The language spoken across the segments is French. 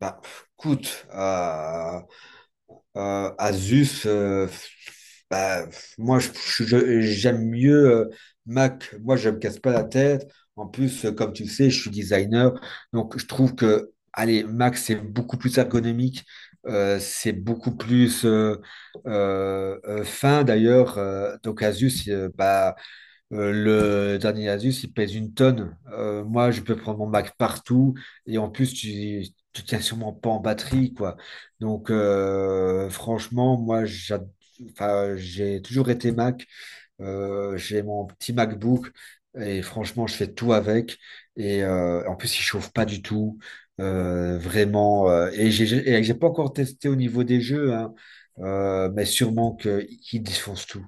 Bah, écoute, Asus, bah, moi, je, j'aime mieux Mac. Moi, je me casse pas la tête. En plus, comme tu le sais, je suis designer. Donc, je trouve que, allez, Mac, c'est beaucoup plus ergonomique. C'est beaucoup plus fin, d'ailleurs. Donc, Asus, euh, le dernier Asus, il pèse une tonne. Moi, je peux prendre mon Mac partout. Et en plus, tu ne tiens sûrement pas en batterie, quoi. Donc, franchement, enfin, j'ai toujours été Mac. J'ai mon petit MacBook. Et franchement, je fais tout avec. Et en plus, il chauffe pas du tout. Vraiment. Et et j'ai pas encore testé au niveau des jeux, hein. Mais qu'il défonce tout.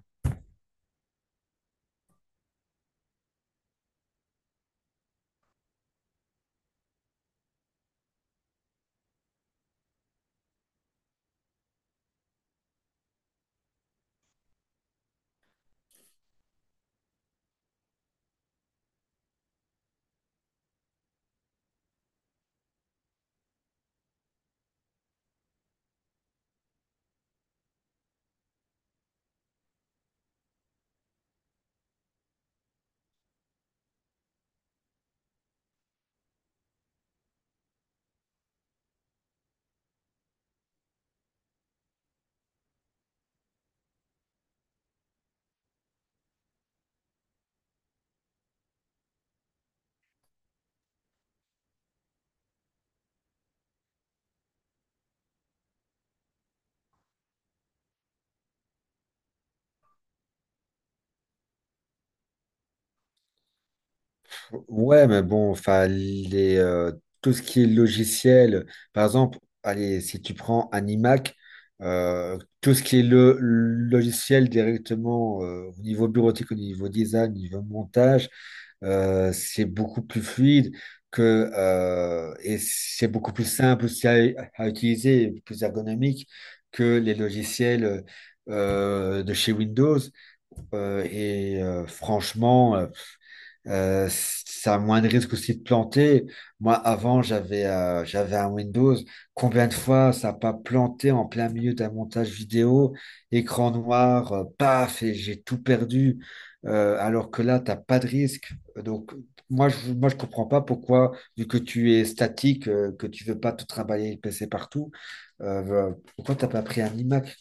Ouais, mais bon, enfin, tout ce qui est logiciel, par exemple, allez, si tu prends un iMac, tout ce qui est le logiciel directement au niveau bureautique, au niveau design, au niveau montage, c'est beaucoup plus fluide que, et c'est beaucoup plus simple aussi à utiliser, et plus ergonomique que les logiciels de chez Windows. Franchement, ça a moins de risques aussi de planter. Moi, avant, j'avais un Windows. Combien de fois ça n'a pas planté en plein milieu d'un montage vidéo, écran noir, paf, et j'ai tout perdu. Alors que là, t'as pas de risque. Donc, moi, je comprends pas pourquoi, vu que tu es statique, que tu veux pas tout trimballer le PC partout, euh, pourquoi t'as pas pris un iMac?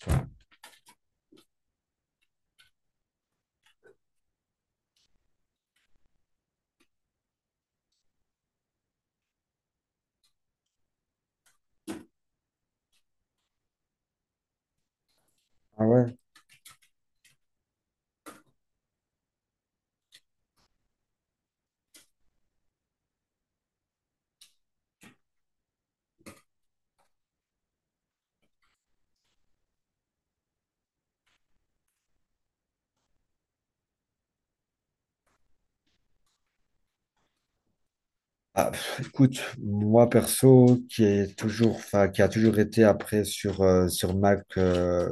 Ah ouais. Ah, pff, écoute, moi perso, qui est toujours, enfin, qui a toujours été après sur Mac,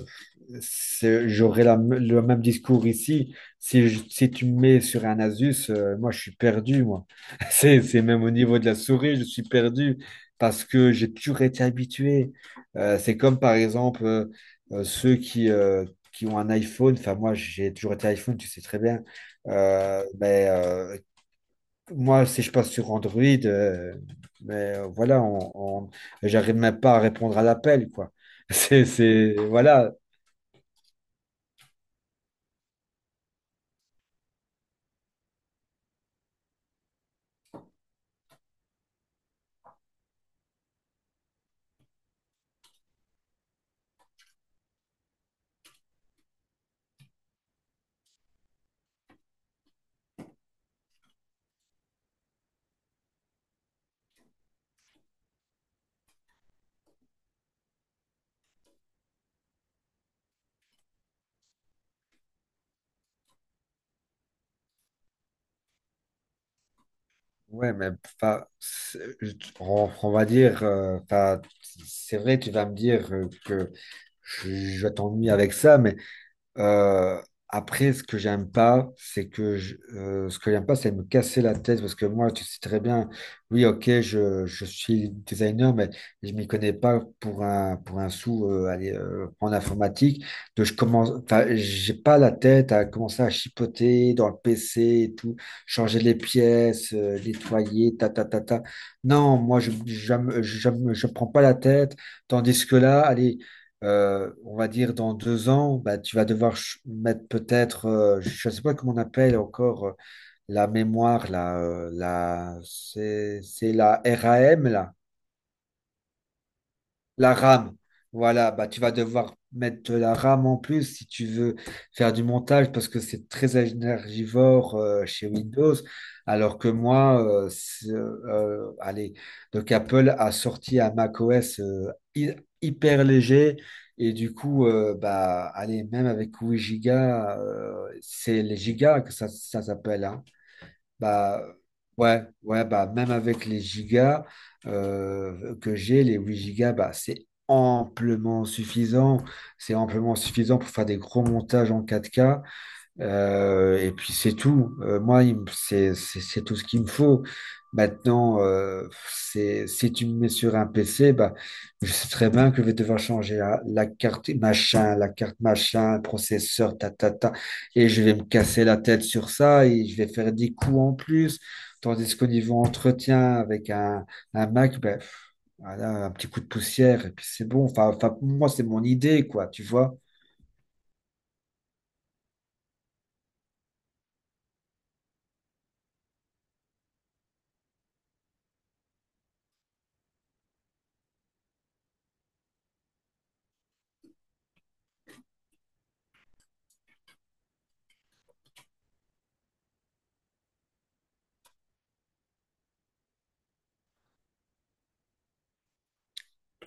j'aurais le même discours ici. Si tu me mets sur un Asus, moi je suis perdu, moi. C'est même au niveau de la souris, je suis perdu parce que j'ai toujours été habitué. C'est comme par exemple ceux qui ont un iPhone. Enfin, moi j'ai toujours été iPhone, tu sais très bien. Euh, mais euh, moi, si je passe sur Android, voilà, j'arrive même pas à répondre à l'appel, quoi. Voilà, ouais, mais enfin, on va dire, enfin, c'est vrai, tu vas me dire que je t'ennuie avec ça, mais Euh, après, ce que j'aime pas, c'est ce que j'aime pas, c'est me casser la tête parce que moi, tu sais très bien, oui, ok, je suis designer, mais je m'y connais pas pour un sou aller, en informatique. Donc je commence, enfin, j'ai pas la tête à commencer à chipoter dans le PC et tout, changer les pièces, nettoyer, ta ta ta ta. Non, moi, je me prends pas la tête, tandis que là, allez on va dire dans deux ans, bah, tu vas devoir mettre peut-être, je ne sais pas comment on appelle encore la mémoire, c'est la RAM, là. La RAM. Voilà, bah, tu vas devoir mettre de la RAM en plus si tu veux faire du montage parce que c'est très énergivore chez Windows. Alors que moi, allez, donc Apple a sorti un macOS hyper léger et du coup, bah, allez, même avec 8 gigas, c'est les gigas que ça s'appelle, hein. Bah, ouais, ouais, bah, même avec les gigas que j'ai, les 8 gigas, bah, c'est amplement suffisant. C'est amplement suffisant pour faire des gros montages en quatre k et puis c'est tout. Moi, c'est tout ce qu'il me faut. Maintenant, si tu me mets sur un PC, bah, je sais très bien que je vais devoir changer la carte machin, processeur, ta, ta, ta, et je vais me casser la tête sur ça et je vais faire des coups en plus. Tandis qu'au niveau entretien avec un Mac, ben, pff, voilà, un petit coup de poussière et puis c'est bon. Enfin, enfin, pour moi, c'est mon idée, quoi, tu vois.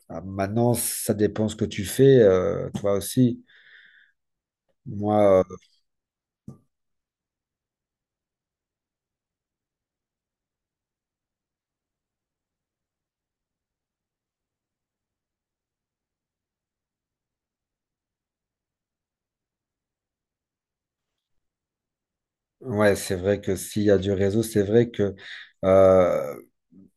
Ah, maintenant, ça dépend ce que tu fais, toi aussi. Moi, ouais, c'est vrai que s'il y a du réseau, c'est vrai que euh,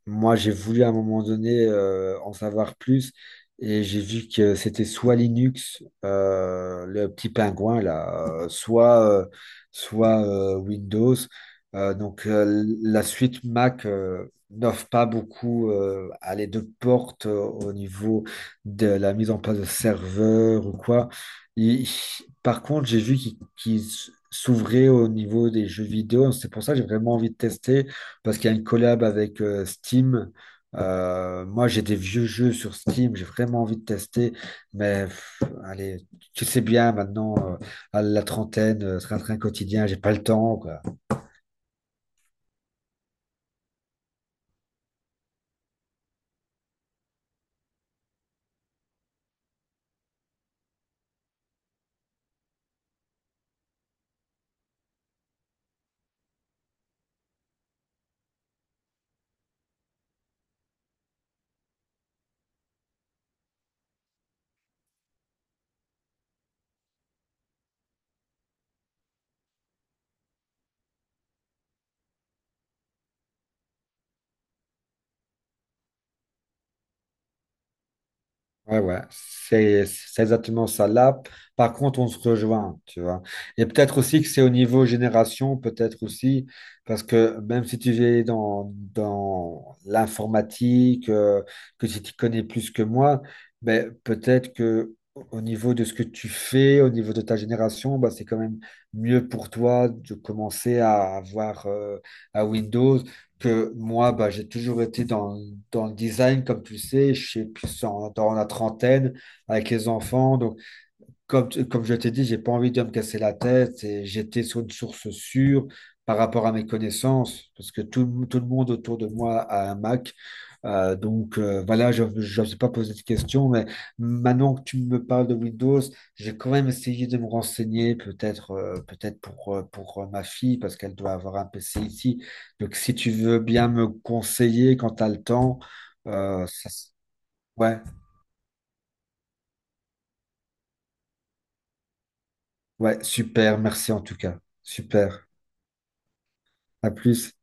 moi, j'ai voulu à un moment donné en savoir plus et j'ai vu que c'était soit Linux, le petit pingouin là, soit Windows. Donc la suite Mac n'offre pas beaucoup à les deux portes au niveau de la mise en place de serveurs ou quoi. Il- Par contre, j'ai vu qu'ils s'ouvraient au niveau des jeux vidéo. C'est pour ça que j'ai vraiment envie de tester parce qu'il y a une collab avec Steam. Moi, j'ai des vieux jeux sur Steam, j'ai vraiment envie de tester, mais pff, allez, tu sais bien maintenant, à la trentaine, train-train quotidien, j'ai pas le temps, quoi. Ouais, ouais, c'est exactement ça. Là, par contre, on se rejoint, tu vois. Et peut-être aussi que c'est au niveau génération, peut-être aussi, parce que même si tu es dans l'informatique, que si tu connais plus que moi, mais peut-être que au niveau de ce que tu fais, au niveau de ta génération, bah, c'est quand même mieux pour toi de commencer à avoir à Windows que moi, bah, j'ai toujours été dans le design, comme tu le sais, je suis dans la trentaine avec les enfants. Donc, comme je t'ai dit, j'ai pas envie de me casser la tête et j'étais sur une source sûre par rapport à mes connaissances, parce que tout le monde autour de moi a un Mac. Donc voilà, je ne sais pas poser de questions, mais maintenant que tu me parles de Windows, j'ai quand même essayé de me renseigner, peut-être peut-être pour ma fille, parce qu'elle doit avoir un PC ici. Donc si tu veux bien me conseiller quand tu as le temps, euh, ça s- ouais, ouais, super, merci en tout cas. Super, à plus.